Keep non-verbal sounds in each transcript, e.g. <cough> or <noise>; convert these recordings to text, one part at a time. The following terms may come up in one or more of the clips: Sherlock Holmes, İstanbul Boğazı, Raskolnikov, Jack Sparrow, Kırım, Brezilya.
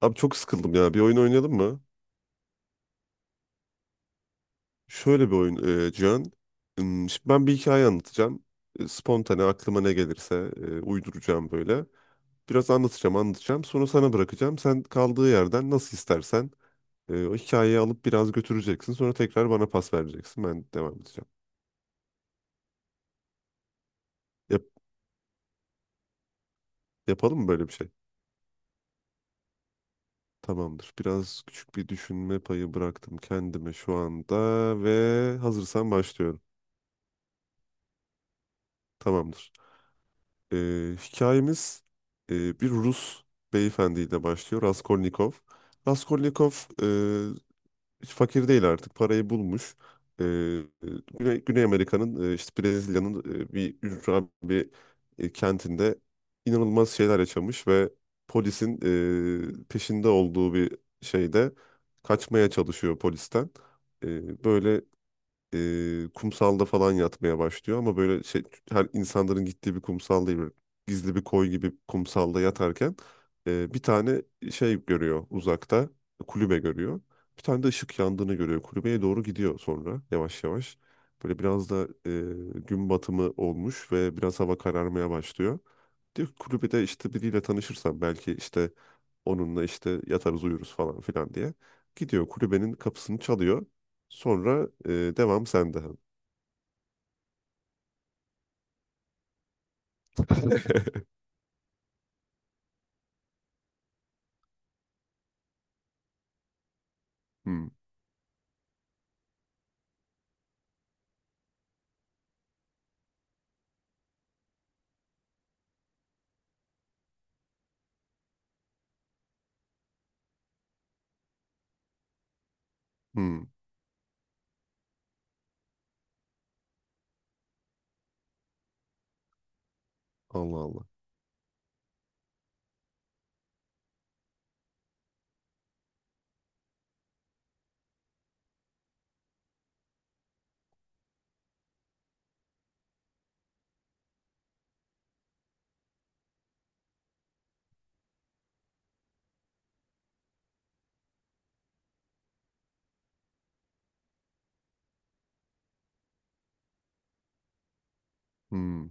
Abi çok sıkıldım ya. Bir oyun oynayalım mı? Şöyle bir oyun Cihan. Şimdi ben bir hikaye anlatacağım. Spontane aklıma ne gelirse uyduracağım böyle. Biraz anlatacağım. Sonra sana bırakacağım. Sen kaldığı yerden nasıl istersen o hikayeyi alıp biraz götüreceksin. Sonra tekrar bana pas vereceksin. Ben devam edeceğim. Yap- yapalım mı böyle bir şey? Tamamdır. Biraz küçük bir düşünme payı bıraktım kendime şu anda ve hazırsan başlıyorum. Tamamdır. Hikayemiz bir Rus beyefendiyle başlıyor. Raskolnikov. Raskolnikov e, hiç fakir değil artık. Parayı bulmuş. E, Güney Amerika'nın işte Brezilya'nın bir ücra kentinde inanılmaz şeyler yaşamış ve polisin peşinde olduğu bir şeyde kaçmaya çalışıyor polisten. Böyle kumsalda falan yatmaya başlıyor ama böyle şey, her insanların gittiği bir kumsal değil, böyle gizli bir koy gibi kumsalda yatarken bir tane şey görüyor, uzakta kulübe görüyor. Bir tane de ışık yandığını görüyor. Kulübeye doğru gidiyor sonra yavaş yavaş. Böyle biraz da gün batımı olmuş ve biraz hava kararmaya başlıyor. Diyor ki kulübede işte biriyle tanışırsam belki işte onunla işte yatarız uyuruz falan filan diye. Gidiyor kulübenin kapısını çalıyor. Sonra devam sende. <laughs> Hmm, hmm. Allah Allah. Hmm.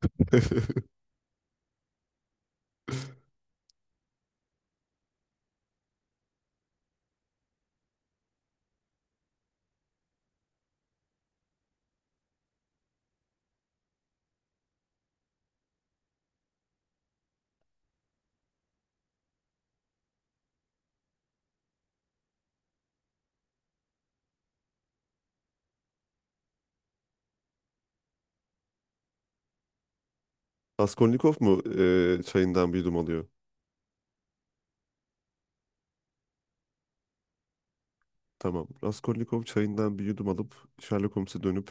<laughs> Raskolnikov mu çayından bir yudum alıyor? Tamam. Raskolnikov çayından bir yudum alıp Sherlock Holmes'e dönüp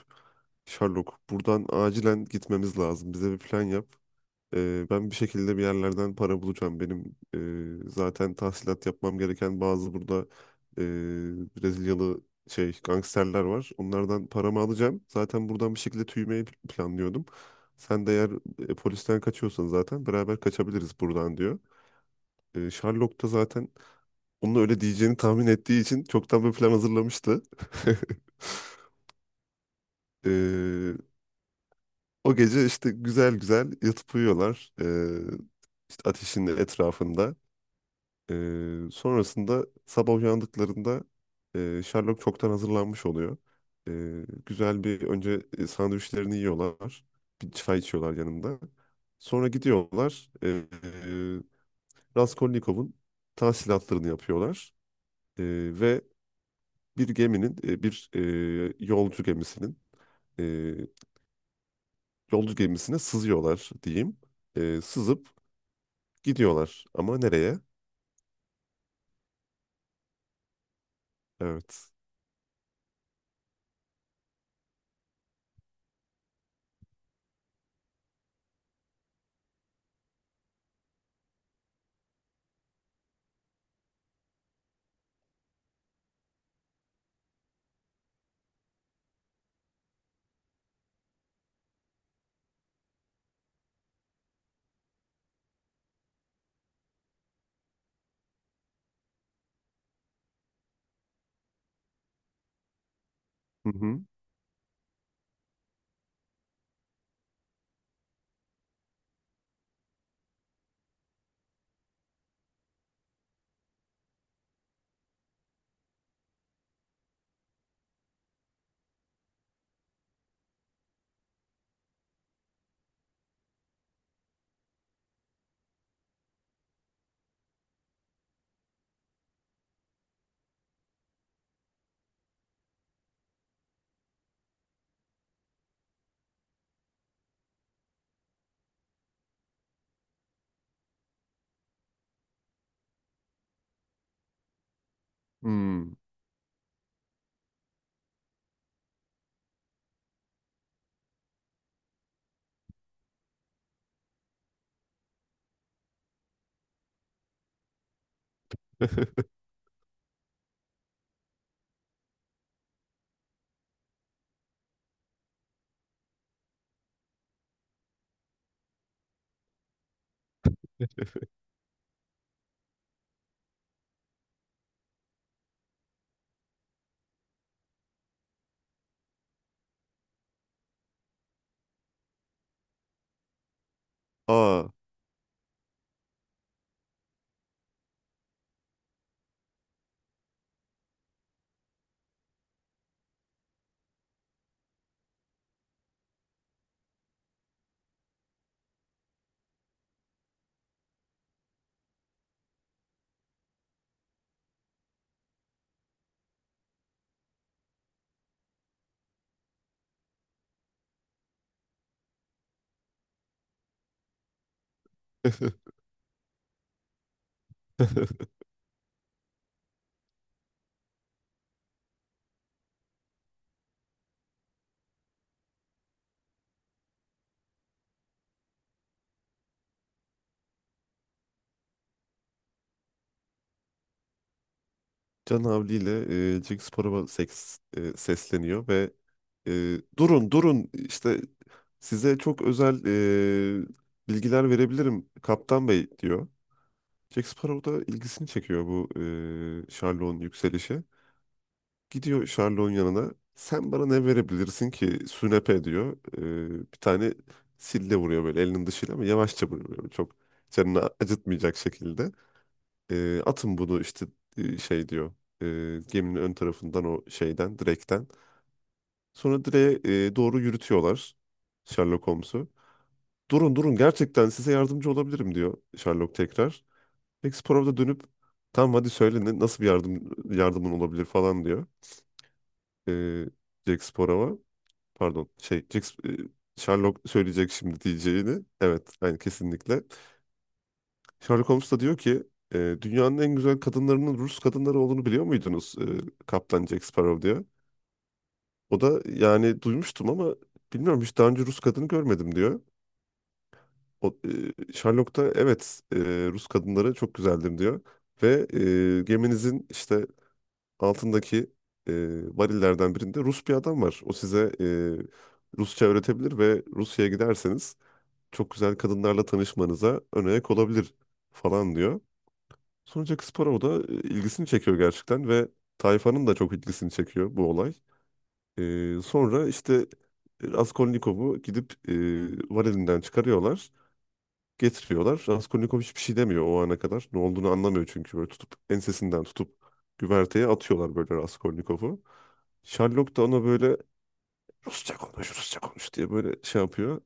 Sherlock buradan acilen gitmemiz lazım. Bize bir plan yap. Ben bir şekilde bir yerlerden para bulacağım. Benim zaten tahsilat yapmam gereken bazı burada e, Brezilyalı şey gangsterler var. Onlardan paramı alacağım. Zaten buradan bir şekilde tüymeyi planlıyordum. Sen de eğer polisten kaçıyorsan zaten beraber kaçabiliriz buradan diyor. Sherlock da zaten onun öyle diyeceğini tahmin ettiği için çoktan bir plan hazırlamıştı. <laughs> E, o gece işte güzel güzel yatıp uyuyorlar. İşte ateşin etrafında. Sonrasında sabah uyandıklarında Sherlock çoktan hazırlanmış oluyor. Güzel bir önce sandviçlerini yiyorlar. Bir çay içiyorlar yanında. Sonra gidiyorlar. Raskolnikov'un tahsilatlarını yapıyorlar. E, ve bir geminin, bir yolcu gemisinin e, yolcu gemisine sızıyorlar diyeyim. Sızıp gidiyorlar. Ama nereye? Evet. Hı hı. Hmm. <laughs> Aa. <laughs> <laughs> Can Havli ile Cengiz Spor'a seks, sesleniyor ve e, durun durun işte size çok özel e, bilgiler verebilirim Kaptan Bey diyor. Jack Sparrow da ilgisini çekiyor bu Sherlock'un yükselişi. Gidiyor Sherlock'un yanına. Sen bana ne verebilirsin ki Sünepe diyor. Bir tane sille vuruyor böyle elinin dışıyla ama yavaşça vuruyor. Böyle çok canını acıtmayacak şekilde. Atın bunu işte şey diyor. E, geminin ön tarafından o şeyden, direkten. Sonra direğe doğru yürütüyorlar Sherlock Holmes'u. Durun durun gerçekten size yardımcı olabilirim diyor Sherlock tekrar. Explorer'a da dönüp tamam hadi söyle nasıl bir yardımın olabilir falan diyor. E, Jack Sparrow'a pardon şey Jack, Sherlock söyleyecek şimdi diyeceğini. Evet yani kesinlikle. Sherlock Holmes da diyor ki dünyanın en güzel kadınlarının Rus kadınları olduğunu biliyor muydunuz Kaptan Jack Sparrow diyor. O da yani duymuştum ama bilmiyorum hiç daha önce Rus kadını görmedim diyor. O, Sherlock da evet Rus kadınları çok güzeldir diyor. Ve geminizin işte altındaki e, varillerden birinde Rus bir adam var. O size Rusça öğretebilir ve Rusya'ya giderseniz çok güzel kadınlarla tanışmanıza önayak olabilir falan diyor. Sonuç Akspor'a o da ilgisini çekiyor gerçekten ve tayfanın da çok ilgisini çekiyor bu olay. E, sonra işte Raskolnikov'u gidip varilinden çıkarıyorlar. Getiriyorlar. Raskolnikov hiçbir şey demiyor o ana kadar. Ne olduğunu anlamıyor çünkü böyle tutup ensesinden tutup güverteye atıyorlar böyle Raskolnikov'u. Sherlock da ona böyle Rusça konuş, Rusça konuş diye böyle şey yapıyor,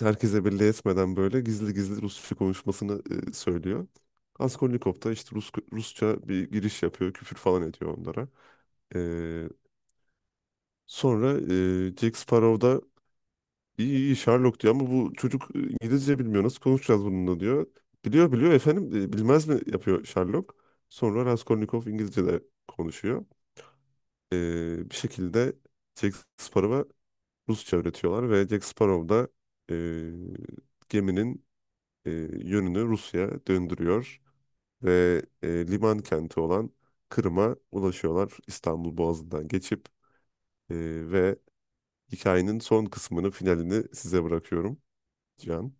herkese belli etmeden böyle gizli gizli Rusça konuşmasını söylüyor. Raskolnikov da işte Rusça bir giriş yapıyor, küfür falan ediyor onlara. E, sonra Jack Sparrow da iyi iyi Sherlock diyor ama bu çocuk İngilizce bilmiyor nasıl konuşacağız bununla diyor. Biliyor biliyor efendim bilmez mi yapıyor Sherlock. Sonra Raskolnikov İngilizce de konuşuyor. E, bir şekilde Jack Sparrow'a Rusça öğretiyorlar ve Jack Sparrow da e, geminin e, yönünü Rusya döndürüyor ve liman kenti olan Kırım'a ulaşıyorlar İstanbul Boğazı'ndan geçip. E, ve hikayenin son kısmını, finalini size bırakıyorum Can.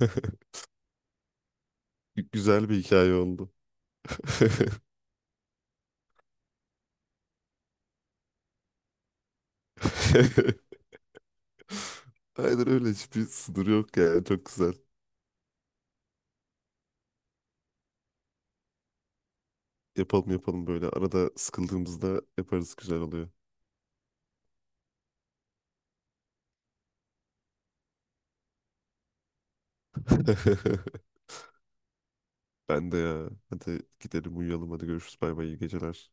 <laughs> Güzel bir hikaye oldu. <laughs> Aynen öyle, hiçbir sınır yok yani, çok güzel. Yapalım yapalım, böyle arada sıkıldığımızda yaparız, güzel oluyor. <laughs> Ben de ya. Hadi gidelim uyuyalım, hadi görüşürüz, bay bay, iyi geceler.